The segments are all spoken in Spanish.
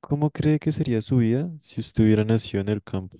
¿Cómo cree que sería su vida si usted hubiera nacido en el campo?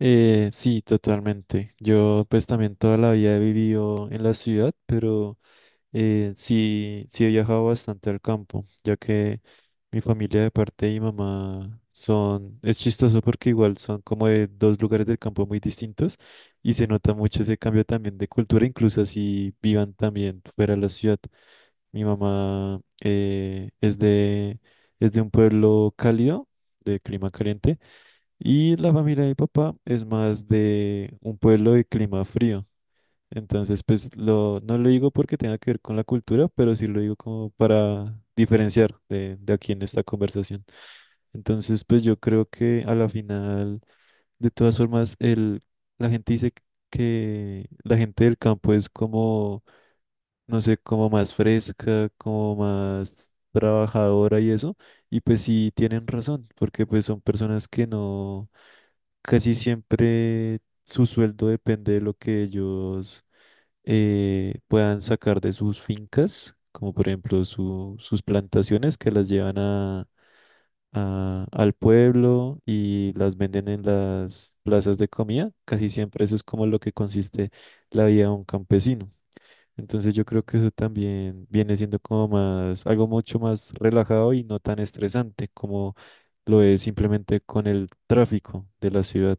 Sí, totalmente. Yo pues también toda la vida he vivido en la ciudad, pero sí he viajado bastante al campo, ya que mi familia de parte de mi mamá son, es chistoso porque igual son como de dos lugares del campo muy distintos y se nota mucho ese cambio también de cultura, incluso así vivan también fuera de la ciudad. Mi mamá es de un pueblo cálido, de clima caliente, y la familia de mi papá es más de un pueblo de clima frío. Entonces, no lo digo porque tenga que ver con la cultura, pero sí lo digo como para diferenciar de aquí en esta conversación. Entonces, pues yo creo que a la final, de todas formas, la gente dice que la gente del campo es como no sé, como más fresca, como más trabajadora y eso. Y pues sí tienen razón, porque pues son personas que no, casi siempre su sueldo depende de lo que ellos puedan sacar de sus fincas, como por ejemplo sus plantaciones que las llevan a, al pueblo y las venden en las plazas de comida. Casi siempre eso es como lo que consiste la vida de un campesino. Entonces yo creo que eso también viene siendo como más, algo mucho más relajado y no tan estresante como lo es simplemente con el tráfico de la ciudad.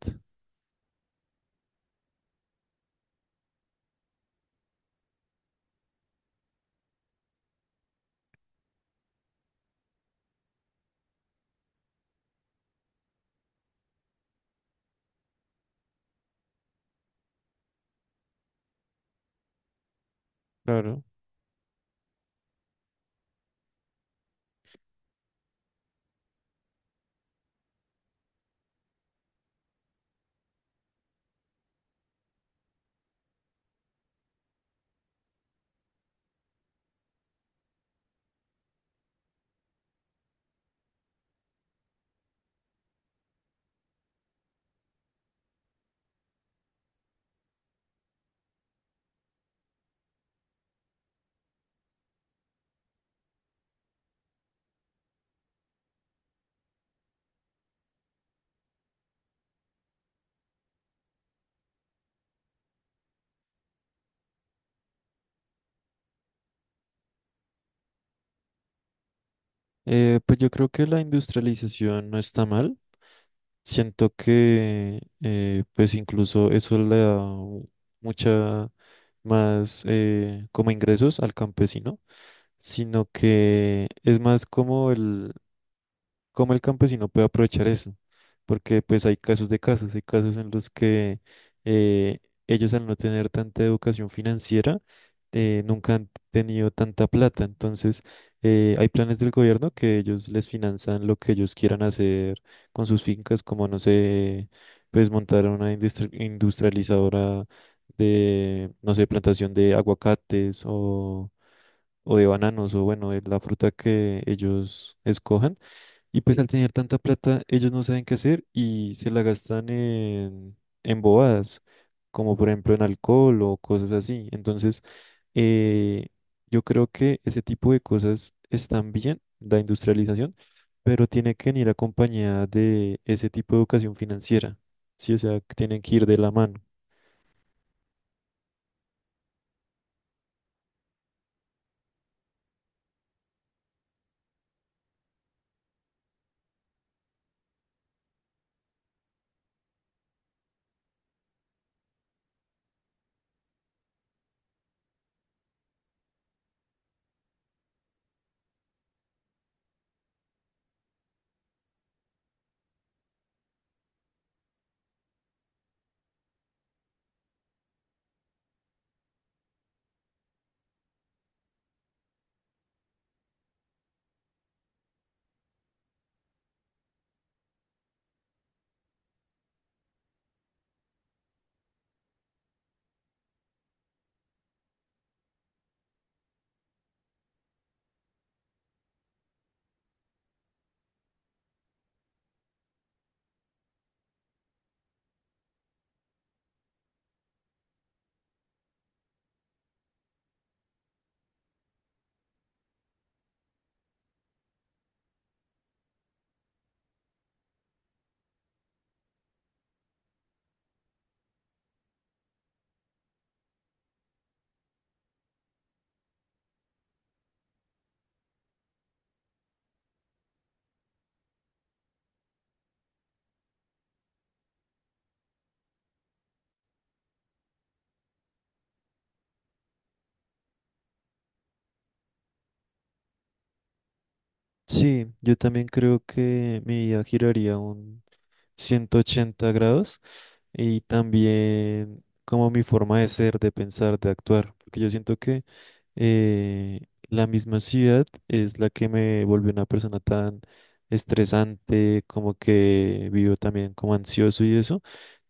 Claro. Pues yo creo que la industrialización no está mal. Siento que pues incluso eso le da mucha más como ingresos al campesino, sino que es más como el cómo el campesino puede aprovechar eso, porque pues hay casos de casos, hay casos en los que eh, ellos al no tener tanta educación financiera, nunca han tenido tanta plata, entonces hay planes del gobierno que ellos les finanzan lo que ellos quieran hacer con sus fincas, como no sé, pues montar una industrializadora de, no sé, plantación de aguacates o de bananos, o bueno, de la fruta que ellos escojan y pues al tener tanta plata, ellos no saben qué hacer y se la gastan en bobadas, como por ejemplo en alcohol o cosas así. Entonces, eh, yo creo que ese tipo de cosas están bien, la industrialización, pero tiene que venir acompañada de ese tipo de educación financiera. Sí, o sea, que tienen que ir de la mano. Sí, yo también creo que mi vida giraría un 180 grados y también como mi forma de ser, de pensar, de actuar, porque yo siento que eh, la misma ciudad es la que me volvió una persona tan estresante, como que vivo también como ansioso y eso,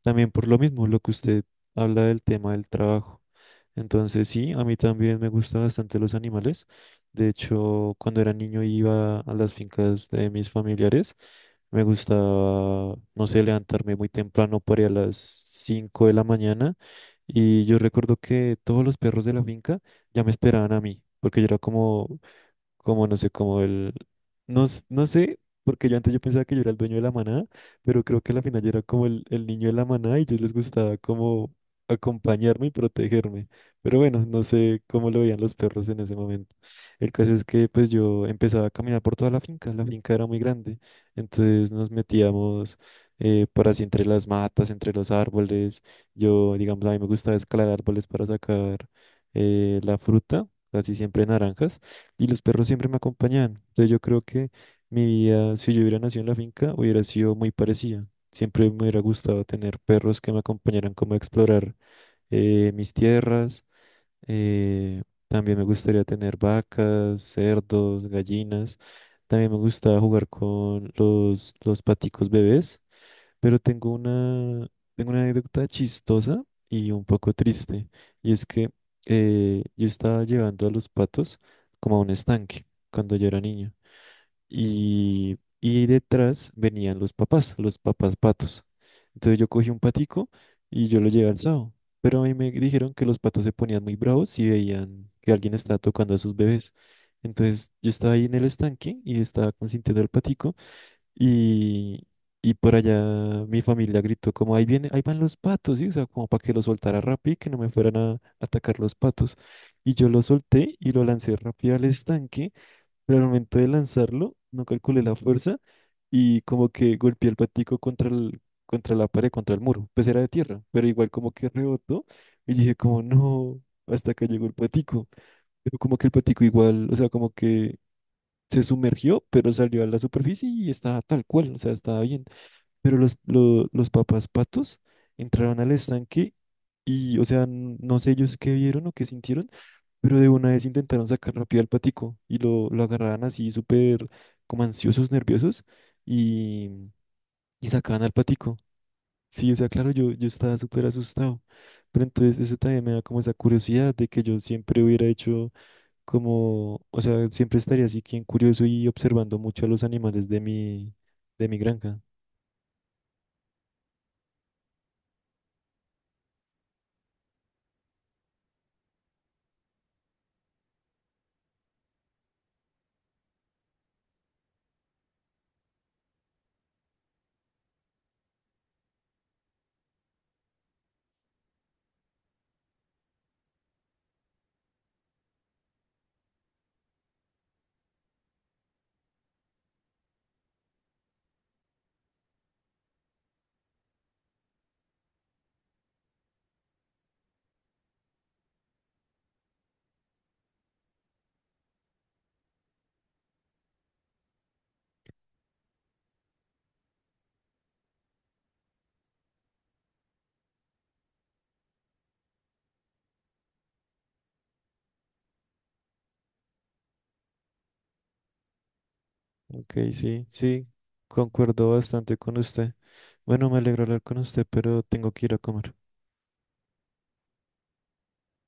también por lo mismo, lo que usted habla del tema del trabajo. Entonces sí, a mí también me gustan bastante los animales. De hecho, cuando era niño iba a las fincas de mis familiares. Me gustaba, no sé, levantarme muy temprano, por ahí a las 5 de la mañana. Y yo recuerdo que todos los perros de la finca ya me esperaban a mí, porque yo era como, como no sé, no, no sé, porque yo antes yo pensaba que yo era el dueño de la manada, pero creo que a la final yo era como el niño de la manada y yo les gustaba como acompañarme y protegerme. Pero bueno, no sé cómo lo veían los perros en ese momento. El caso es que pues yo empezaba a caminar por toda la finca era muy grande, entonces nos metíamos por así entre las matas, entre los árboles. Yo, digamos, a mí me gustaba escalar árboles para sacar la fruta, casi siempre naranjas. Y los perros siempre me acompañaban. Entonces yo creo que mi vida, si yo hubiera nacido en la finca, hubiera sido muy parecida. Siempre me hubiera gustado tener perros que me acompañaran como a explorar mis tierras. eh, También me gustaría tener vacas, cerdos, gallinas. También me gustaba jugar con los paticos bebés. Pero tengo una anécdota chistosa y un poco triste. Y es que yo estaba llevando a los patos como a un estanque cuando yo era niño. Y detrás venían los papás patos. Entonces yo cogí un patico y yo lo llevé alzado. Pero a mí me dijeron que los patos se ponían muy bravos si veían que alguien estaba tocando a sus bebés. Entonces yo estaba ahí en el estanque y estaba consintiendo al patico. Y, y por allá mi familia gritó como, ahí viene, ahí van los patos, ¿sí? O sea, como para que lo soltara rápido y que no me fueran a atacar los patos. Y yo lo solté y lo lancé rápido al estanque, pero al momento de lanzarlo no calculé la fuerza y como que golpeé el patico contra el, contra la pared, contra el muro. Pues era de tierra, pero igual como que rebotó y dije como, no, hasta que llegó el patico. Pero como que el patico igual, o sea, como que se sumergió, pero salió a la superficie y estaba tal cual, o sea, estaba bien. Pero los papás patos entraron al estanque o sea, no sé ellos qué vieron o qué sintieron, pero de una vez intentaron sacar rápido al patico y lo agarraban así súper como ansiosos, nerviosos y, y sacaban al patico. Sí, o sea, claro, yo estaba súper asustado, pero entonces eso también me da como esa curiosidad de que yo siempre hubiera hecho como, o sea, siempre estaría así bien curioso y observando mucho a los animales de de mi granja. Ok, sí, sí, concuerdo bastante con usted. Bueno, me alegro hablar con usted, pero tengo que ir a comer.